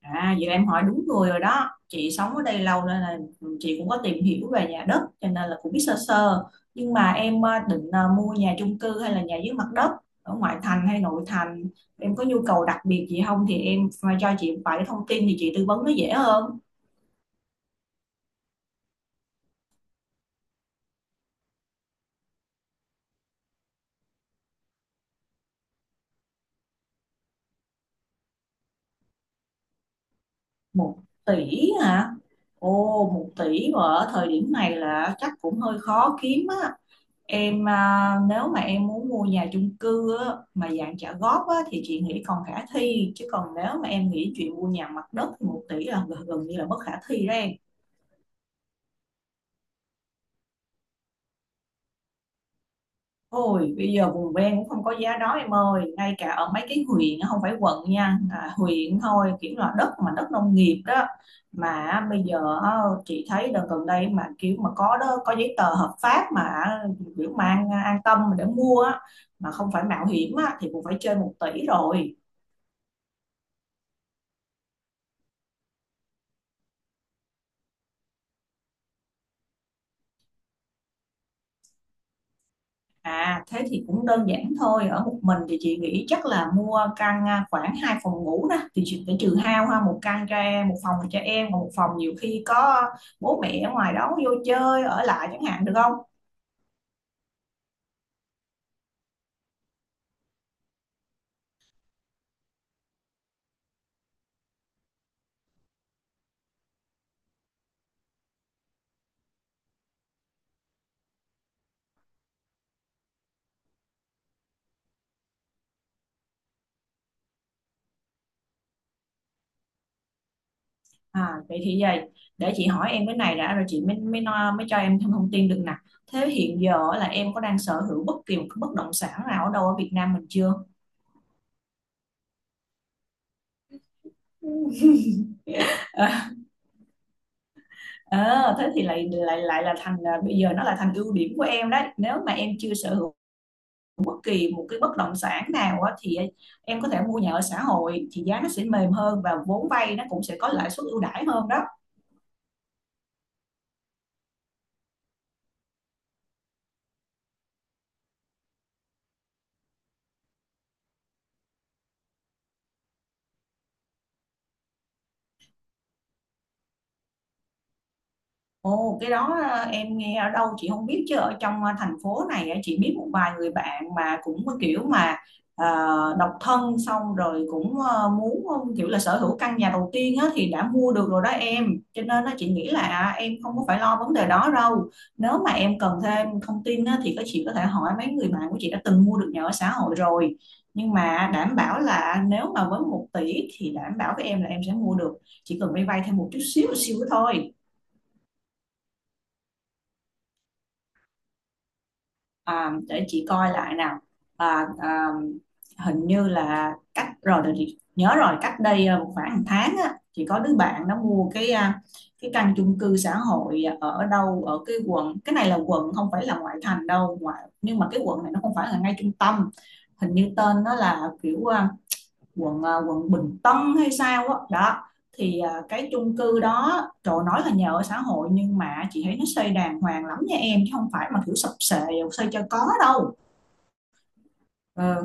À, vậy là em hỏi đúng người rồi đó. Chị sống ở đây lâu nên là chị cũng có tìm hiểu về nhà đất cho nên là cũng biết sơ sơ. Nhưng mà em định mua nhà chung cư hay là nhà dưới mặt đất, ở ngoại thành hay nội thành? Em có nhu cầu đặc biệt gì không thì em mà cho chị vài thông tin thì chị tư vấn nó dễ hơn. Một tỷ hả? Ồ, một tỷ mà ở thời điểm này là chắc cũng hơi khó kiếm á. Em nếu mà em muốn mua nhà chung cư á, mà dạng trả góp á, thì chị nghĩ còn khả thi, chứ còn nếu mà em nghĩ chuyện mua nhà mặt đất thì một tỷ là gần gần như là bất khả thi đó em. Ôi, bây giờ vùng ven cũng không có giá đó em ơi, ngay cả ở mấy cái huyện á, không phải quận nha, huyện thôi, kiểu là đất, mà đất nông nghiệp đó, mà á, bây giờ á, chị thấy đợt gần đây mà kiểu mà có đó, có giấy tờ hợp pháp mà á, kiểu mang an tâm để mua á, mà không phải mạo hiểm á, thì cũng phải trên một tỷ rồi. À, thế thì cũng đơn giản thôi. Ở một mình thì chị nghĩ chắc là mua căn khoảng 2 phòng ngủ đó. Thì chị phải trừ hao ha, một căn cho em, một phòng cho em, còn một phòng nhiều khi có bố mẹ ở ngoài đó vô chơi, ở lại chẳng hạn, được không? À, vậy thì vậy, để chị hỏi em cái này đã rồi chị mới mới nói- mới cho em thêm thông tin được nè. Thế hiện giờ là em có đang sở hữu bất kỳ một cái bất động sản nào ở đâu ở Việt Nam mình chưa? Ờ, ờ, thế thì lại lại lại là thành bây giờ nó là thành ưu điểm của em đấy. Nếu mà em chưa sở hữu bất kỳ một cái bất động sản nào á, thì em có thể mua nhà ở xã hội, thì giá nó sẽ mềm hơn và vốn vay nó cũng sẽ có lãi suất ưu đãi hơn đó. Ồ, cái đó em nghe ở đâu chị không biết, chứ ở trong thành phố này á, chị biết một vài người bạn mà cũng có kiểu mà ờ, độc thân xong rồi cũng muốn kiểu là sở hữu căn nhà đầu tiên á, thì đã mua được rồi đó em. Cho nên á, chị nghĩ là em không có phải lo vấn đề đó đâu. Nếu mà em cần thêm thông tin á, thì các chị có thể hỏi mấy người bạn của chị đã từng mua được nhà ở xã hội rồi, nhưng mà đảm bảo là nếu mà với một tỷ thì đảm bảo với em là em sẽ mua được, chỉ cần vay vay thêm một chút xíu xíu thôi. À, để chị coi lại nào. à, à, Hình như là cách rồi, để chị nhớ rồi, cách đây một khoảng 1 tháng á, chị có đứa bạn nó mua cái căn chung cư xã hội ở đâu ở cái quận, cái này là quận, không phải là ngoại thành đâu, ngoại nhưng mà cái quận này nó không phải là ngay trung tâm. Hình như tên nó là kiểu quận quận Bình Tân hay sao á đó. Đó, thì cái chung cư đó, trời, nói là nhà ở xã hội nhưng mà chị thấy nó xây đàng hoàng lắm nha em, chứ không phải mà kiểu sập xệ, xây cho có đâu. Ờ.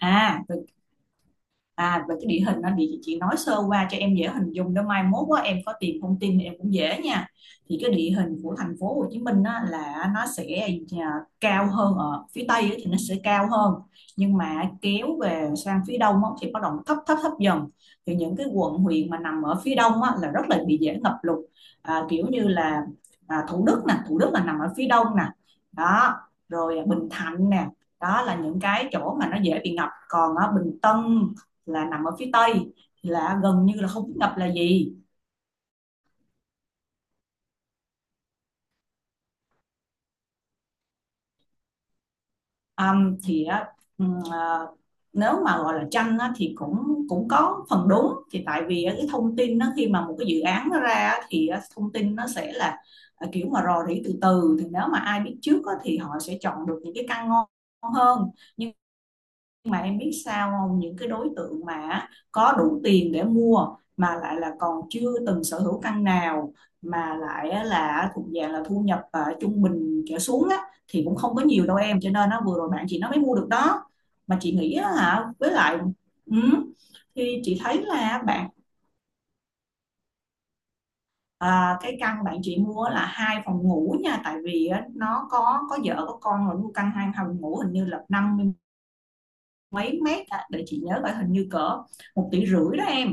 À rồi. À, về cái địa hình anh thì chị nói sơ qua cho em dễ hình dung đó, mai mốt quá em có tìm thông tin thì em cũng dễ nha. Thì cái địa hình của thành phố Hồ Chí Minh á, là nó sẽ à, cao hơn ở phía Tây á, thì nó sẽ cao hơn, nhưng mà kéo về sang phía Đông á, thì bắt đầu thấp thấp thấp dần. Thì những cái quận huyện mà nằm ở phía Đông á, là rất là bị dễ ngập lụt, kiểu như là Thủ Đức nè, Thủ Đức là nằm ở phía Đông nè, đó, rồi Bình Thạnh nè, đó là những cái chỗ mà nó dễ bị ngập. Còn ở Bình Tân là nằm ở phía tây thì là gần như là không biết ngập là gì. Thì á, à, nếu mà gọi là tranh á, thì cũng cũng có phần đúng, thì tại vì cái thông tin nó, khi mà một cái dự án nó ra thì thông tin nó sẽ là kiểu mà rò rỉ từ từ, thì nếu mà ai biết trước á, thì họ sẽ chọn được những cái căn ngon hơn. Nhưng mà em biết sao không, những cái đối tượng mà có đủ tiền để mua, mà lại là còn chưa từng sở hữu căn nào, mà lại là thuộc dạng là thu nhập trung bình trở xuống á, thì cũng không có nhiều đâu em, cho nên nó vừa rồi bạn chị nó mới mua được đó, mà chị nghĩ á hả, với lại ừ, thì chị thấy là bạn cái căn bạn chị mua là hai phòng ngủ nha, tại vì á, nó có vợ có con rồi, mua căn 2 phòng ngủ hình như là 50 mấy mét á, để chị nhớ, phải hình như cỡ 1,5 tỷ đó em.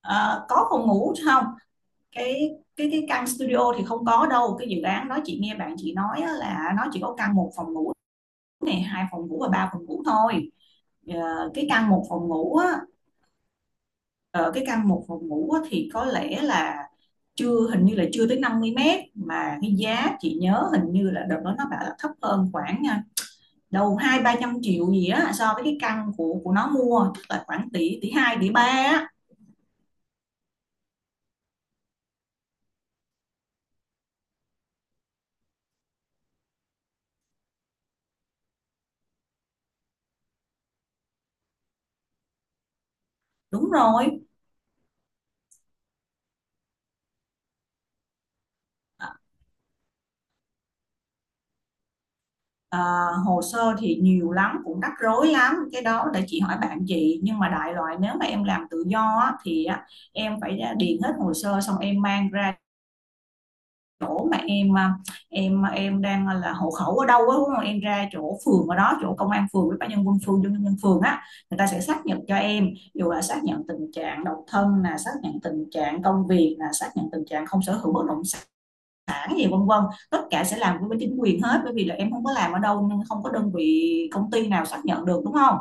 Ờ, có phòng ngủ không, cái cái căn studio thì không có đâu, cái dự án đó chị nghe bạn chị nói á là nó chỉ có căn 1 phòng ngủ này, 2 phòng ngủ và 3 phòng ngủ thôi. Ờ, cái căn 1 phòng ngủ á, thì có lẽ là chưa, hình như là chưa tới 50 mét, mà cái giá chị nhớ hình như là đợt đó nó bảo là thấp hơn khoảng đâu 2-3 trăm triệu gì á, so với cái căn của nó mua, tức là khoảng tỷ, tỷ hai, tỷ ba á. Đúng rồi. Ờ, Ờ, hồ sơ thì nhiều lắm, cũng rắc rối lắm, cái đó để chị hỏi bạn chị, nhưng mà đại loại nếu mà em làm tự do á, thì á, em phải điền hết hồ sơ xong em mang ra chỗ mà em đang là hộ khẩu ở đâu á đúng không, em ra chỗ phường ở đó, chỗ công an phường với ban nhân quân phường, dân nhân dân phường á, người ta sẽ xác nhận cho em, dù là xác nhận tình trạng độc thân, là xác nhận tình trạng công việc, là xác nhận tình trạng không sở hữu bất động sản sản gì vân vân, tất cả sẽ làm với bên chính quyền hết, bởi vì là em không có làm ở đâu nên không có đơn vị công ty nào xác nhận được, đúng không.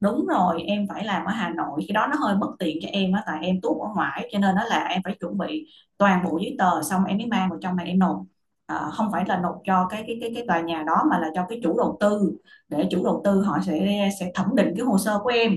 Đúng rồi, em phải làm ở Hà Nội, cái đó nó hơi bất tiện cho em á, tại em tuốt ở ngoài, cho nên đó là em phải chuẩn bị toàn bộ giấy tờ xong em mới mang vào trong này em nộp. Ờ, không phải là nộp cho cái tòa nhà đó, mà là cho cái chủ đầu tư, để chủ đầu tư họ sẽ thẩm định cái hồ sơ của em.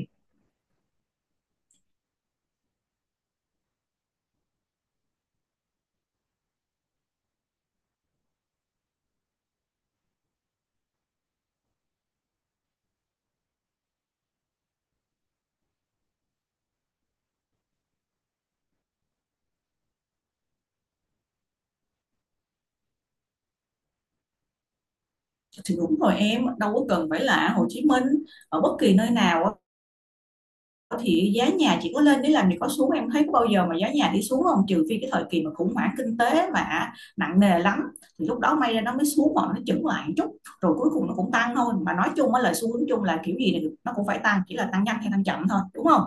Thì đúng rồi, em đâu có cần phải là ở Hồ Chí Minh, ở bất kỳ nơi nào á, thì giá nhà chỉ có lên để làm gì có xuống, em thấy có bao giờ mà giá nhà đi xuống không, trừ phi cái thời kỳ mà khủng hoảng kinh tế mà nặng nề lắm, thì lúc đó may ra nó mới xuống, hoặc nó chững lại một chút, rồi cuối cùng nó cũng tăng thôi, mà nói chung á, lời xu hướng chung là kiểu gì thì nó cũng phải tăng, chỉ là tăng nhanh hay tăng chậm thôi, đúng không.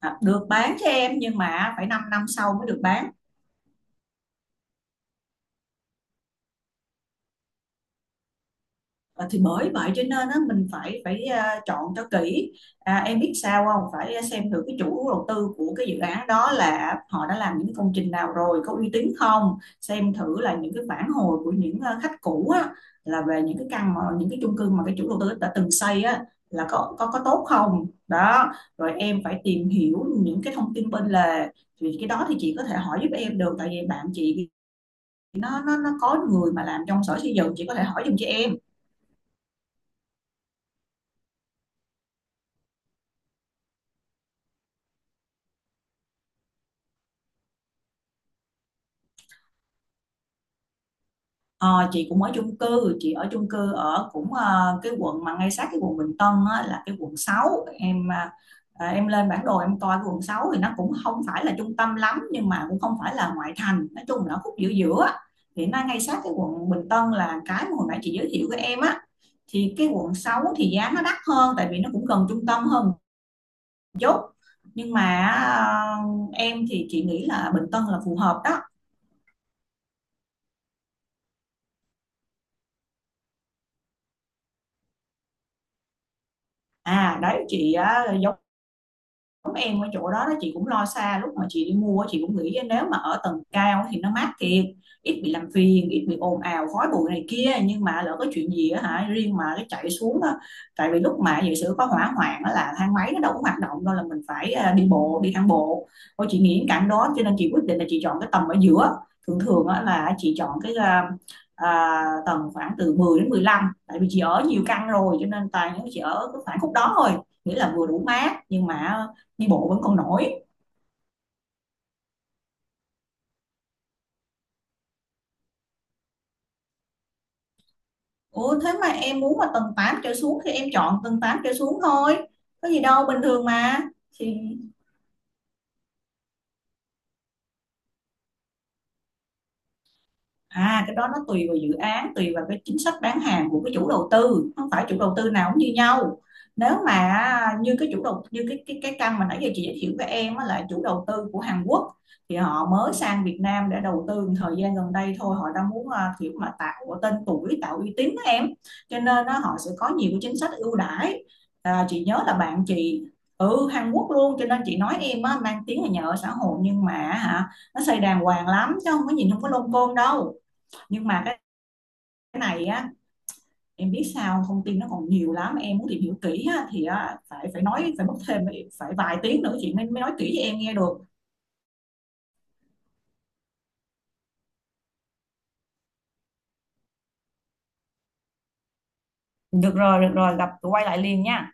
À, được bán cho em, nhưng mà phải 5 năm sau mới được bán. Ờ, thì bởi vậy cho nên á, mình phải phải à, chọn cho kỹ. À, em biết sao không, phải xem thử cái chủ đầu tư của cái dự án đó là họ đã làm những cái công trình nào rồi, có uy tín không, xem thử là những cái phản hồi của những khách cũ á, là về những cái căn mà những cái chung cư mà cái chủ đầu tư đã từng xây á là có tốt không đó. Rồi em phải tìm hiểu những cái thông tin bên lề thì cái đó Thì chị có thể hỏi giúp em được, tại vì bạn chị nó có người mà làm trong sở xây dựng, chị có thể hỏi giùm cho em. Ờ, chị cũng ở chung cư, chị ở chung cư ở cũng cái quận mà ngay sát cái quận Bình Tân á, là cái quận sáu. Em em lên bản đồ em coi cái quận 6 thì nó cũng không phải là trung tâm lắm, nhưng mà cũng không phải là ngoại thành, nói chung là nó khúc giữa giữa. Á. Thì nó ngay sát cái quận Bình Tân là cái mà hồi nãy chị giới thiệu với em á. Thì cái quận 6 thì giá nó đắt hơn, tại vì nó cũng gần trung tâm hơn một chút. Nhưng mà em thì chị nghĩ là Bình Tân là phù hợp đó. À đấy chị á, em ở chỗ đó đó, chị cũng lo xa, lúc mà chị đi mua chị cũng nghĩ nếu mà ở tầng cao thì nó mát thiệt, ít bị làm phiền, ít bị ồn ào khói bụi này kia, nhưng mà lỡ có chuyện gì á, hả riêng mà cái chạy xuống á, tại vì lúc mà giả sử có hỏa hoạn á là thang máy nó đâu có hoạt động đâu, là mình phải đi bộ, đi thang bộ thôi. Chị nghĩ cảnh đó cho nên chị quyết định là chị chọn cái tầng ở giữa. Thường thường á là chị chọn cái tầng khoảng từ 10 đến 15, tại vì chị ở nhiều căn rồi cho nên toàn những chị ở cái khoảng khúc đó thôi, nghĩa là vừa đủ mát nhưng mà đi bộ vẫn còn nổi. Ủa thế mà em muốn mà tầng 8 trở xuống thì em chọn tầng 8 trở xuống thôi, có gì đâu, bình thường mà. Thì à, cái đó nó tùy vào dự án, tùy vào cái chính sách bán hàng của cái chủ đầu tư, không phải chủ đầu tư nào cũng như nhau. Nếu mà như cái cái căn mà nãy giờ chị giới thiệu với em á là chủ đầu tư của Hàn Quốc, thì họ mới sang Việt Nam để đầu tư một thời gian gần đây thôi, họ đang muốn kiểu mà tạo tên tuổi, tạo uy tín á em. Cho nên á, họ sẽ có nhiều cái chính sách ưu đãi. À, chị nhớ là bạn chị ừ Hàn Quốc luôn, cho nên chị nói em á, mang tiếng là nhà ở xã hội nhưng mà hả nó xây đàng hoàng lắm chứ không có nhìn không có lông côn đâu. Nhưng mà cái này á em biết sao, thông tin nó còn nhiều lắm, em muốn tìm hiểu kỹ á thì á, phải phải nói phải mất thêm phải vài tiếng nữa chị mới mới nói kỹ cho em nghe được. Được rồi, gặp quay lại liền nha.